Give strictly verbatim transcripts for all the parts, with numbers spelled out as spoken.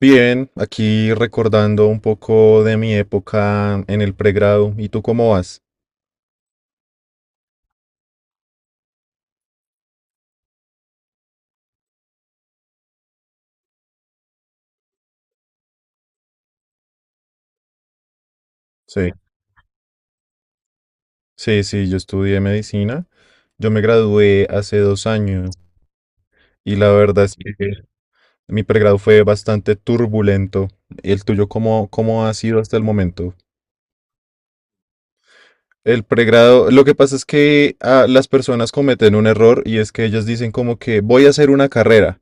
Bien, aquí recordando un poco de mi época en el pregrado. ¿Y tú cómo vas? Sí, sí, sí, yo estudié medicina. Yo me gradué hace dos años y la verdad es que mi pregrado fue bastante turbulento. ¿El tuyo cómo, cómo ha sido hasta el momento? El pregrado, lo que pasa es que ah, las personas cometen un error y es que ellas dicen como que voy a hacer una carrera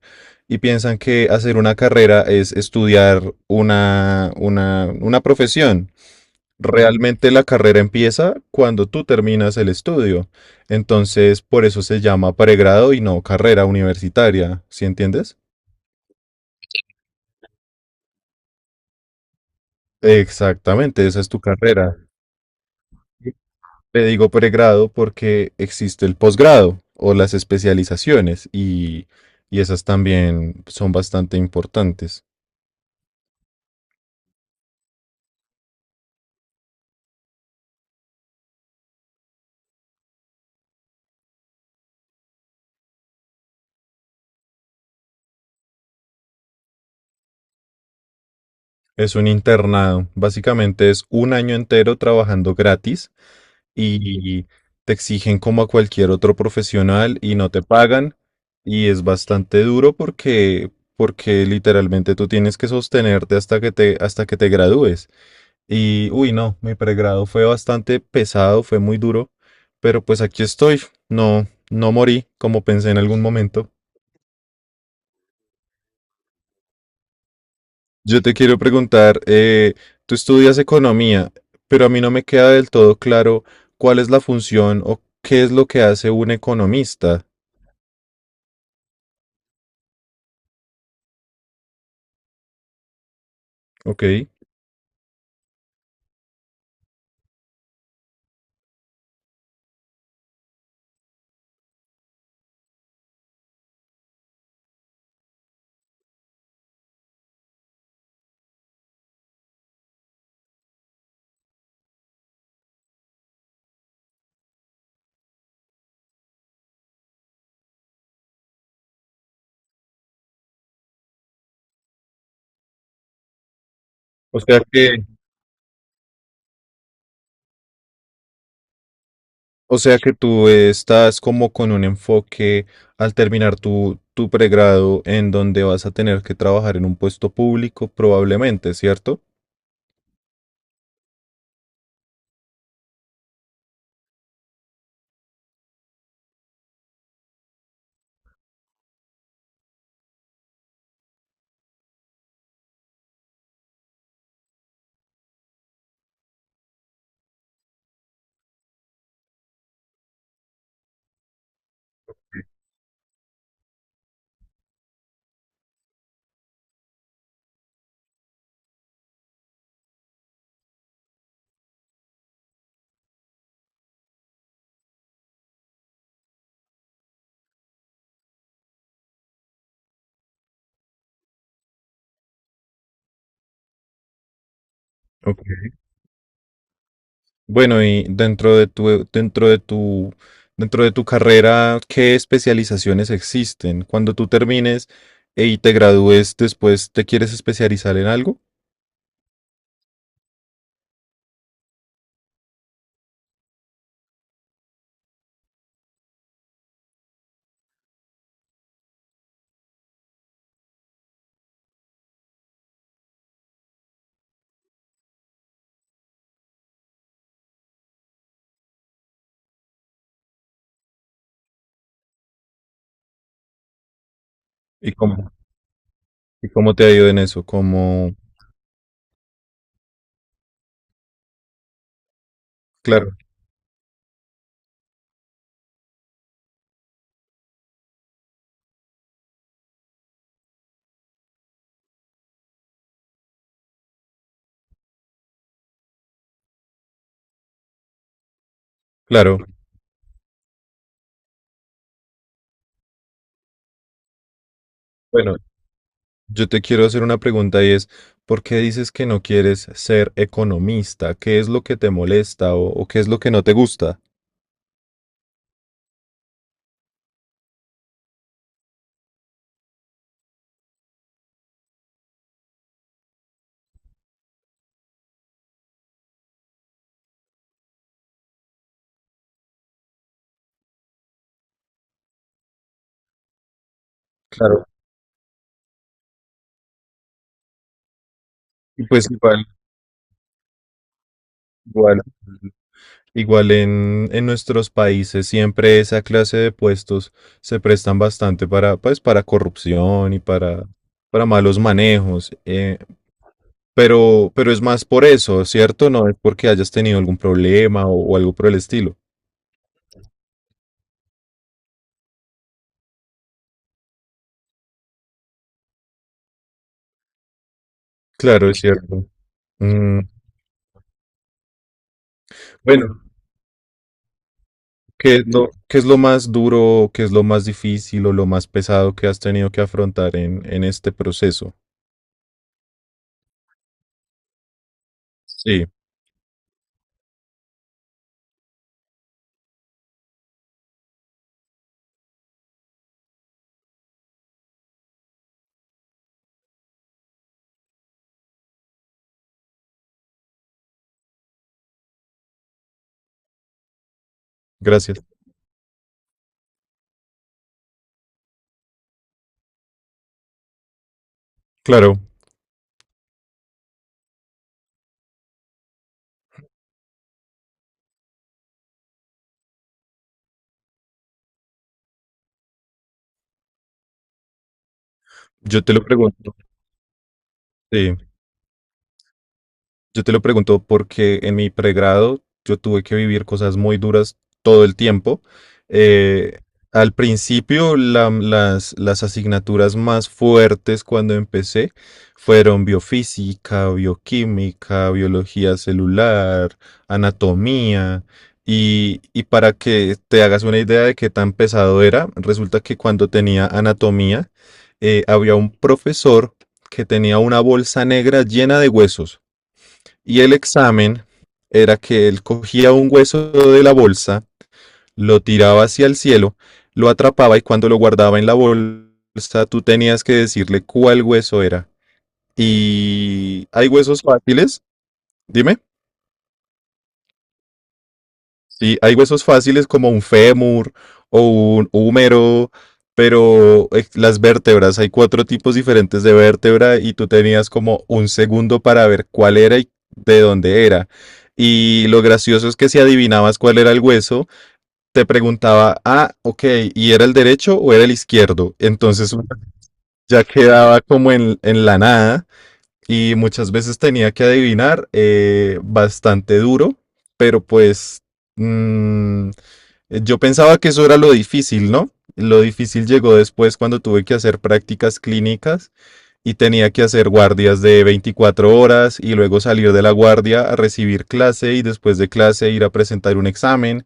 y piensan que hacer una carrera es estudiar una, una, una profesión. Realmente la carrera empieza cuando tú terminas el estudio. Entonces, por eso se llama pregrado y no carrera universitaria, ¿sí entiendes? Exactamente, esa es tu carrera. Le digo pregrado porque existe el posgrado o las especializaciones y, y esas también son bastante importantes. Es un internado. Básicamente es un año entero trabajando gratis y te exigen como a cualquier otro profesional y no te pagan. Y es bastante duro porque, porque literalmente tú tienes que sostenerte hasta que te, hasta que te gradúes. Y uy, no, mi pregrado fue bastante pesado, fue muy duro, pero pues aquí estoy. No, no morí como pensé en algún momento. Yo te quiero preguntar, eh, tú estudias economía, pero a mí no me queda del todo claro cuál es la función o qué es lo que hace un economista, ¿ok? O sea que, o sea que tú eh, estás como con un enfoque al terminar tu, tu pregrado en donde vas a tener que trabajar en un puesto público probablemente, ¿cierto? Ok. Bueno, y dentro de tu, dentro de tu, dentro de tu carrera, ¿qué especializaciones existen? Cuando tú termines e- y te gradúes después, ¿te quieres especializar en algo? ¿Y cómo, y cómo te ha ido en eso? Como, claro, claro. Bueno, yo te quiero hacer una pregunta y es, ¿por qué dices que no quieres ser economista? ¿Qué es lo que te molesta o, o qué es lo que no te gusta? Claro. Y pues igual, igual. Igual en, en nuestros países siempre esa clase de puestos se prestan bastante para, pues, para corrupción y para, para malos manejos. eh, pero, pero es más por eso, ¿cierto? No es porque hayas tenido algún problema o, o algo por el estilo. Claro, es cierto. Mm, bueno, ¿qué es lo, qué es lo más duro, qué es lo más difícil o lo más pesado que has tenido que afrontar en, en este proceso? Sí, gracias. Claro, yo te lo pregunto. Sí. Yo te lo pregunto porque en mi pregrado yo tuve que vivir cosas muy duras todo el tiempo. Eh, Al principio la- las, las asignaturas más fuertes cuando empecé fueron biofísica, bioquímica, biología celular, anatomía. Y, y para que te hagas una idea de qué tan pesado era, resulta que cuando tenía anatomía, eh, había un profesor que tenía una bolsa negra llena de huesos. Y el examen era que él cogía un hueso de la bolsa, lo tiraba hacia el cielo, lo atrapaba y cuando lo guardaba en la bolsa, tú tenías que decirle cuál hueso era. Y hay huesos fáciles, dime. Sí, hay huesos fáciles como un fémur o un húmero, pero eh, las vértebras, hay cuatro tipos diferentes de vértebra y tú tenías como un segundo para ver cuál era y de dónde era. Y lo gracioso es que si adivinabas cuál era el hueso, te preguntaba, ah, ok, ¿y era el derecho o era el izquierdo? Entonces uno ya quedaba como en, en la nada y muchas veces tenía que adivinar eh, bastante duro, pero pues mm, eh, Yo pensaba que eso era lo difícil, ¿no? Lo difícil llegó después cuando tuve que hacer prácticas clínicas y tenía que hacer guardias de veinticuatro horas y luego salir de la guardia a recibir clase y después de clase ir a presentar un examen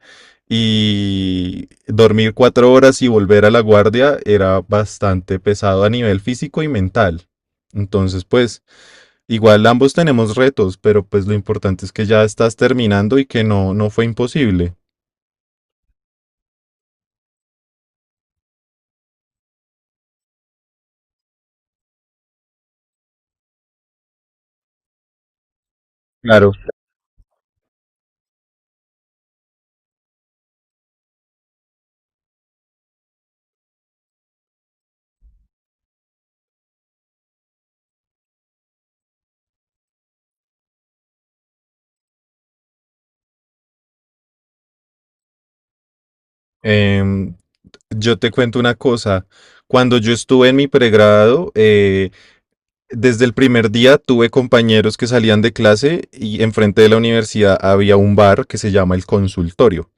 y dormir cuatro horas y volver a la guardia era bastante pesado a nivel físico y mental. Entonces, pues, igual ambos tenemos retos, pero pues lo importante es que ya estás terminando y que no, no fue imposible. Claro. Em, yo te cuento una cosa. Cuando yo estuve en mi pregrado, eh, desde el primer día tuve compañeros que salían de clase y enfrente de la universidad había un bar que se llama el consultorio.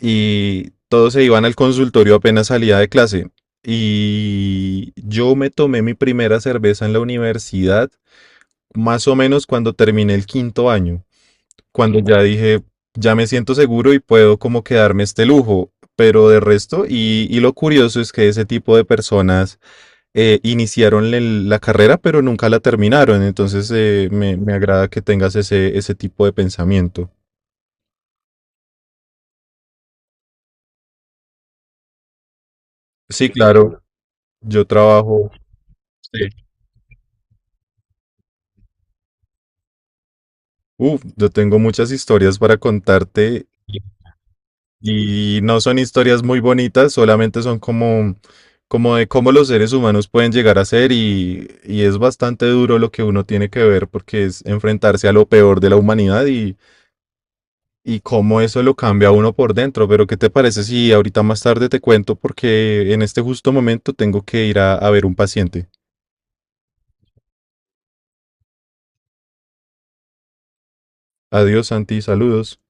Y todos se iban al consultorio apenas salía de clase. Y yo me tomé mi primera cerveza en la universidad más o menos cuando terminé el quinto año cuando ya dije, ya me siento seguro y puedo como quedarme este lujo. Pero de resto, y, y lo curioso es que ese tipo de personas eh, iniciaron el- la carrera, pero nunca la terminaron. Entonces, eh, me, me agrada que tengas ese, ese tipo de pensamiento. Sí, claro, yo trabajo. Sí. Uf, yo tengo muchas historias para contarte. Y no son historias muy bonitas, solamente son como, como de cómo los seres humanos pueden llegar a ser y, y es bastante duro lo que uno tiene que ver porque es enfrentarse a lo peor de la humanidad y, y cómo eso lo cambia a uno por dentro. Pero ¿qué te parece si ahorita más tarde te cuento porque en este justo momento tengo que ir a, a ver un paciente? Adiós, Santi, saludos.